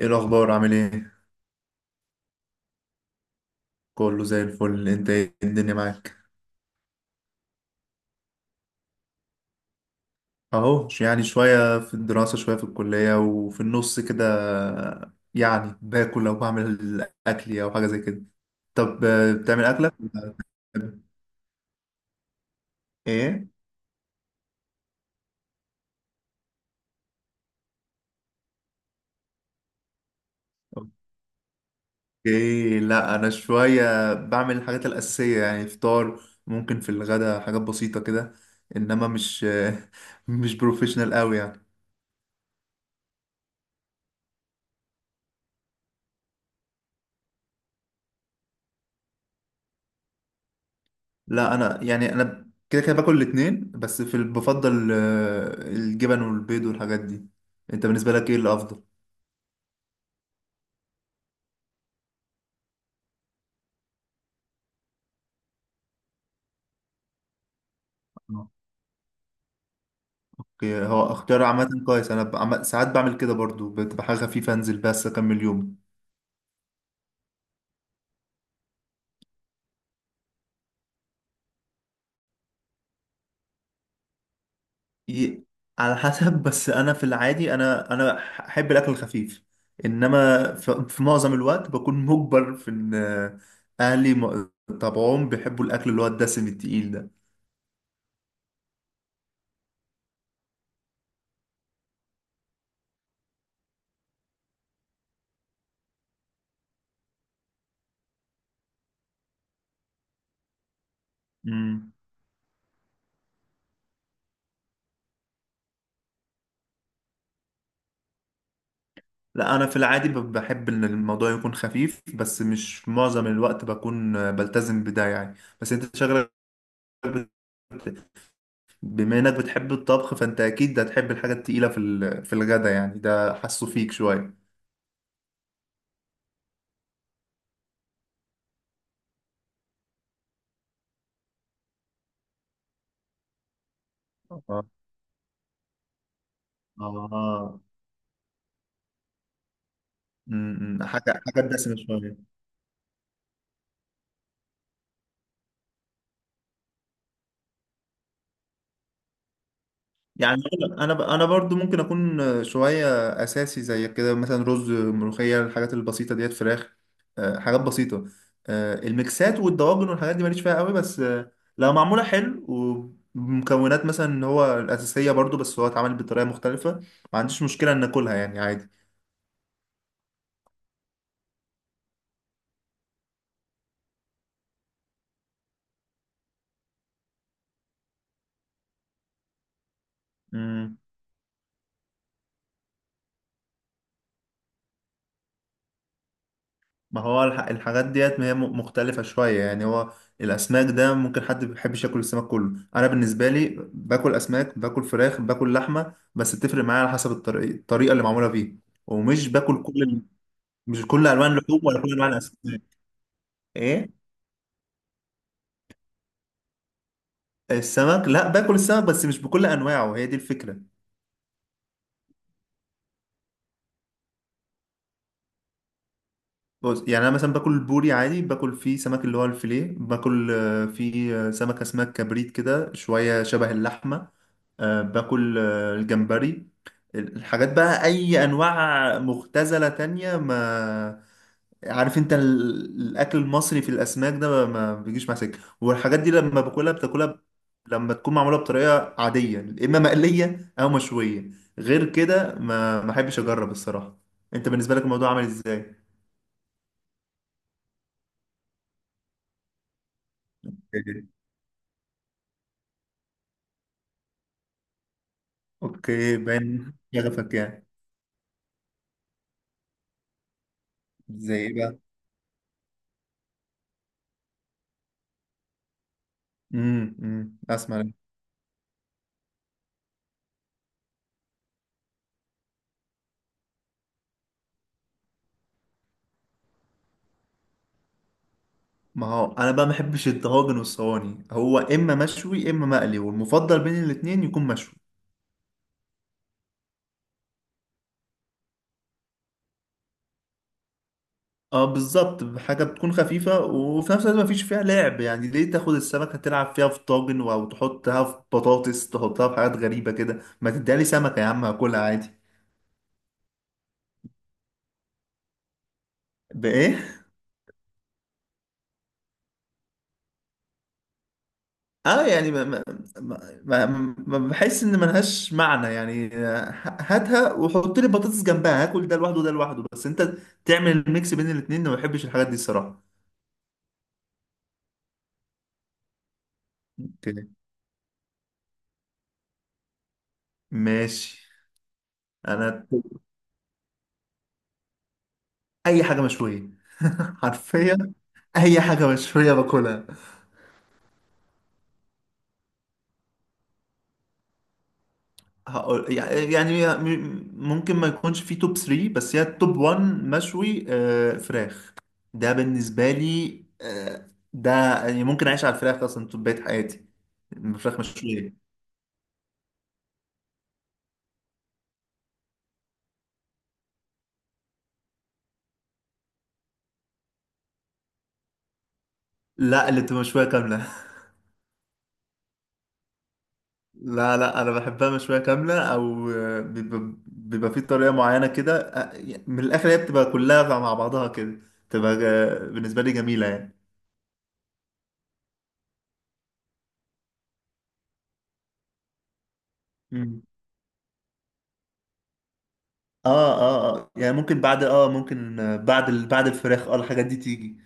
ايه الاخبار؟ عامل ايه؟ كله زي الفل. انت ايه الدنيا معاك؟ اهو يعني شويه في الدراسه، شويه في الكليه، وفي النص كده. يعني باكل او بعمل اكلي او حاجه زي كده. طب، بتعمل اكلك ولا بتعمل ايه؟ اوكي، لا انا شويه بعمل الحاجات الاساسيه، يعني فطار. ممكن في الغدا حاجات بسيطه كده، انما مش مش بروفيشنال قوي يعني. لا انا يعني، انا كده كده باكل الاتنين، بس بفضل الجبن والبيض والحاجات دي. انت بالنسبه لك ايه الافضل؟ آه. أوكي، هو اختيار عامه كويس. انا ساعات بعمل كده برضو، بتبقى حاجه خفيفه انزل بس اكمل يوم. ي- على حسب بس انا في العادي، انا احب الاكل الخفيف، انما في معظم الوقت بكون مجبر في ان، اهلي طبعهم بيحبوا الاكل اللي هو الدسم التقيل ده. مم. لا انا في العادي بحب ان الموضوع يكون خفيف، بس مش معظم الوقت بكون بلتزم بده يعني. بس انت شغلك، بت- بما انك بتحب الطبخ، فانت اكيد هتحب الحاجة التقيلة في الغدا. يعني ده حاسه فيك شوية. اه آه. اه حاجة حاجة دسمة شوية. يعني انا برضو ممكن اكون شويه اساسي زي كده، مثلا رز، ملوخيه، الحاجات البسيطه ديت، فراخ. حاجات بسيطه. الميكسات والدواجن والحاجات دي ماليش فيها قوي، بس لو معموله حلو، ومكونات مثلا اللي هو الاساسيه برضو بس هو اتعمل بطريقه مختلفه، ما عنديش مشكله ان اكلها يعني. عادي. ما هو الحاجات ديت ما هي مختلفة شوية يعني. هو الأسماك ده ممكن حد ما بيحبش ياكل السمك كله. أنا بالنسبة لي باكل أسماك، باكل فراخ، باكل لحمة، بس بتفرق معايا على حسب الطريقة اللي معمولة فيه. ومش باكل كل ال- مش كل ألوان اللحوم ولا كل أنواع الأسماك. إيه. السمك، لا باكل السمك بس مش بكل أنواعه، هي دي الفكرة. بص يعني، أنا مثلا باكل البوري عادي، باكل فيه سمك اللي هو الفيليه، باكل فيه سمك أسماك كبريت كده، شوية شبه اللحمة. باكل الجمبري. الحاجات بقى اي انواع مختزلة تانية ما. عارف انت الاكل المصري في الاسماك ده ما بيجيش مع سكه والحاجات دي. لما باكلها بتاكلها لما تكون معموله بطريقه عاديه، اما مقليه او مشويه. غير كده ما احبش اجرب الصراحه. انت بالنسبه لك الموضوع عامل ازاي؟ اوكي، باين شغفك يعني. زي ايه بقى؟ اسمع، ما هو انا بقى ما بحبش الطواجن والصواني. هو اما مشوي اما مقلي، والمفضل بين الاتنين يكون مشوي. اه بالظبط، حاجه بتكون خفيفه وفي نفس الوقت ما فيش فيها لعب. يعني ليه تاخد السمكه تلعب فيها في طاجن او تحطها في بطاطس، تحطها في حاجات غريبه كده؟ ما تديها لي سمكه يا عم هاكلها عادي. بايه؟ اه يعني ما بحس ان ملهاش معنى يعني. هاتها وحط لي بطاطس جنبها، هاكل ده لوحده وده لوحده، بس انت تعمل الميكس بين الاتنين ما بحبش الحاجات دي الصراحه. ماشي. انا اي حاجه مشويه حرفيا اي حاجه مشويه باكلها. هقول يعني ممكن ما يكونش في توب 3، بس هي التوب 1 مشوي فراخ. ده بالنسبه لي، ده يعني ممكن اعيش على الفراخ اصلا طول بقية حياتي. الفراخ مشويه. لا اللي بتبقى مشويه كامله. لا، لا، انا بحبها مشويه كامله، او بيبقى, في طريقه معينه كده. من الاخر هي بتبقى كلها مع بعضها كده، بتبقى بالنسبه لي جميله يعني. مم. اه، اه، اه، يعني ممكن بعد، ممكن بعد بعد الفراخ الحاجات دي تيجي.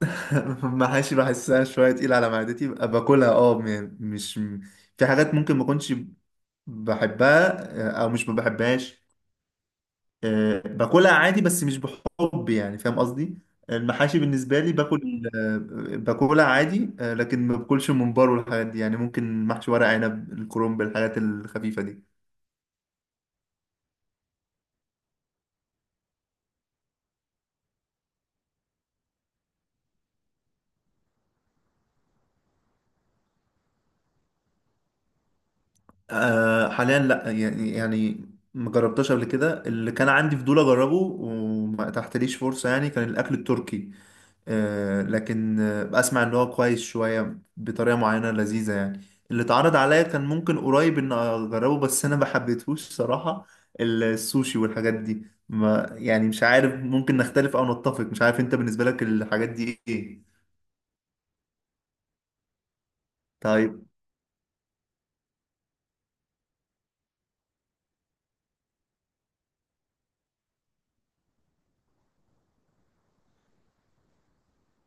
محاشي بحسها شويه تقيله على معدتي، ببقى باكلها. مش، في حاجات ممكن ما اكونش بحبها، او مش ما بحبهاش. باكلها عادي بس مش بحب، يعني فاهم قصدي. المحاشي بالنسبة لي باكل، باكلها عادي، لكن ما باكلش الممبار والحاجات دي. يعني ممكن محشي ورق عنب، الكرنب، الحاجات الخفيفة دي. حاليا لا يعني ما جربتهاش قبل كده. اللي كان عندي فضول اجربه وما تحتليش فرصة يعني كان الاكل التركي. لكن اسمع اللي هو كويس شويه بطريقه معينه لذيذه يعني. اللي اتعرض عليا كان ممكن قريب ان اجربه بس انا ما حبيتهوش صراحه، السوشي والحاجات دي. ما يعني، مش عارف ممكن نختلف او نتفق. مش عارف انت بالنسبه لك الحاجات دي ايه؟ طيب.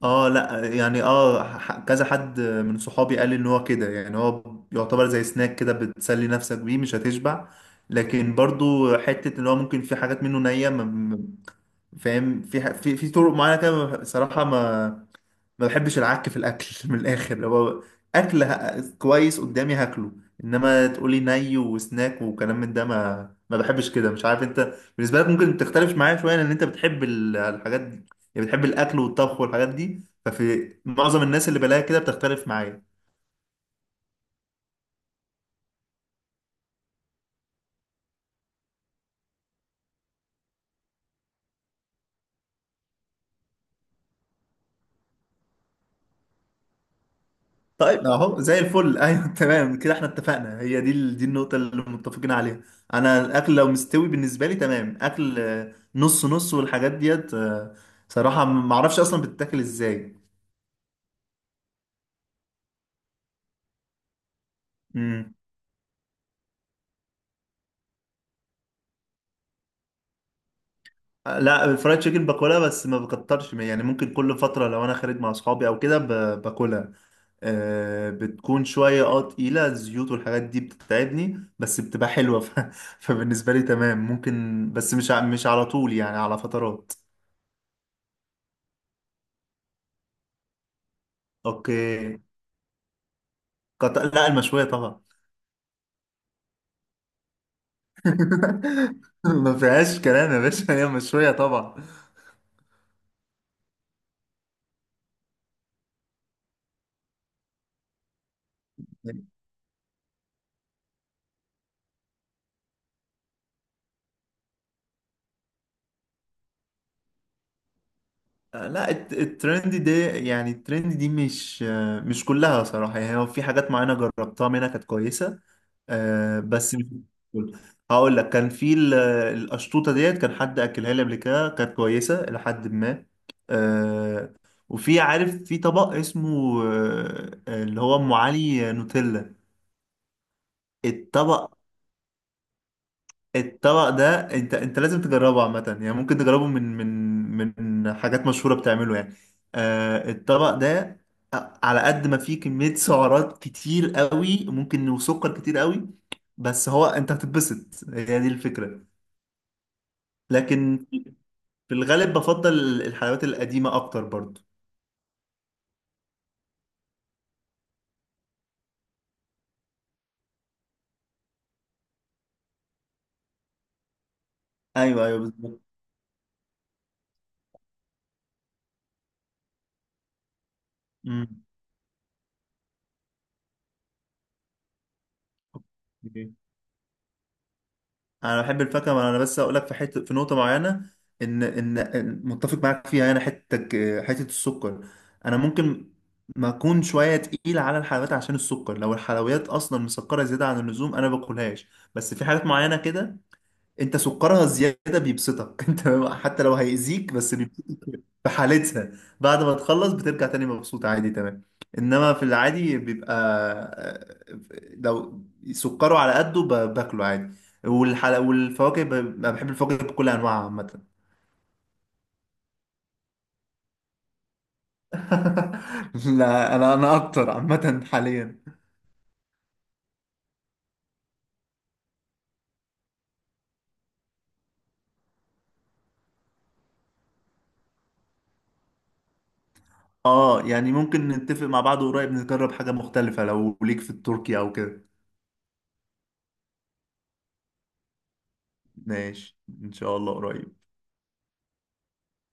اه لا يعني، كذا حد من صحابي قال لي ان هو كده، يعني هو يعتبر زي سناك كده بتسلي نفسك بيه مش هتشبع. لكن برضو حتة ان هو ممكن في حاجات منه نية، فاهم في في طرق معينة كده. صراحة ما بحبش العك في الاكل من الاخر. لو اكل كويس قدامي هاكله، انما تقولي ني وسناك وكلام من ده ما بحبش كده. مش عارف انت بالنسبه لك ممكن تختلف معايا شويه، لان انت بتحب الحاجات دي. يعني بتحب الاكل والطبخ والحاجات دي، ففي معظم الناس اللي بلاقيها كده بتختلف معايا. طيب اهو زي الفل. ايوه تمام كده، احنا اتفقنا هي دي دي النقطه اللي متفقين عليها. انا الاكل لو مستوي بالنسبه لي تمام، اكل نص نص والحاجات ديت صراحه ما اعرفش اصلا بتتاكل ازاي. امم لا، الفرايد تشيكن باكلها بس ما بكترش. يعني ممكن كل فترة لو انا خارج مع اصحابي او كده باكلها. آه بتكون شوية تقيلة، الزيوت والحاجات دي بتتعبني بس بتبقى حلوة فبالنسبة لي تمام ممكن، بس مش على طول يعني، على فترات. اوكي. لا المشوية طبعا. ما فيهاش كلام يا باشا، هي مشوية طبعا. لا الترند دي، يعني الترند دي مش كلها صراحة. يعني هو في حاجات معينة جربتها منها كانت كويسة، بس مش كل- هقول لك كان القشطوطة ديت، كان حد أكلها لي قبل كده كانت كويسة إلى حد ما. آه، وفي عارف في طبق اسمه اللي هو أم علي نوتيلا. الطبق الطبق ده انت لازم تجربه عامة. يعني ممكن تجربه من من حاجات مشهورة بتعمله يعني. الطبق ده على قد ما فيه كمية سعرات كتير قوي ممكن، وسكر كتير قوي، بس هو انت هتتبسط، هي دي الفكرة. لكن في الغالب بفضل الحلويات القديمة اكتر برضو. ايوه، ايوه، بالظبط. مم. انا بحب الفاكهه، ما انا بس اقول لك في حته، في نقطه معينه ان ان إن متفق معاك فيها انا، حتتك حته السكر. انا ممكن ما اكون شويه تقيل على الحلويات عشان السكر، لو الحلويات اصلا مسكره زياده عن اللزوم انا باكلهاش. بس في حاجات معينه كده انت سكرها الزياده بيبسطك انت، حتى لو هيأذيك بس بيبسطك في حالتها. بعد ما تخلص بترجع تاني مبسوط عادي تمام. انما في العادي بيبقى آه، لو سكره على قده باكله عادي. والحلا والفواكه، انا بحب الفواكه بكل انواعها عامه. لا انا، اكتر عامه حاليا. اه يعني ممكن نتفق مع بعض قريب نجرب حاجه مختلفه، لو ليك في التركي او كده. ماشي ان شاء الله قريب.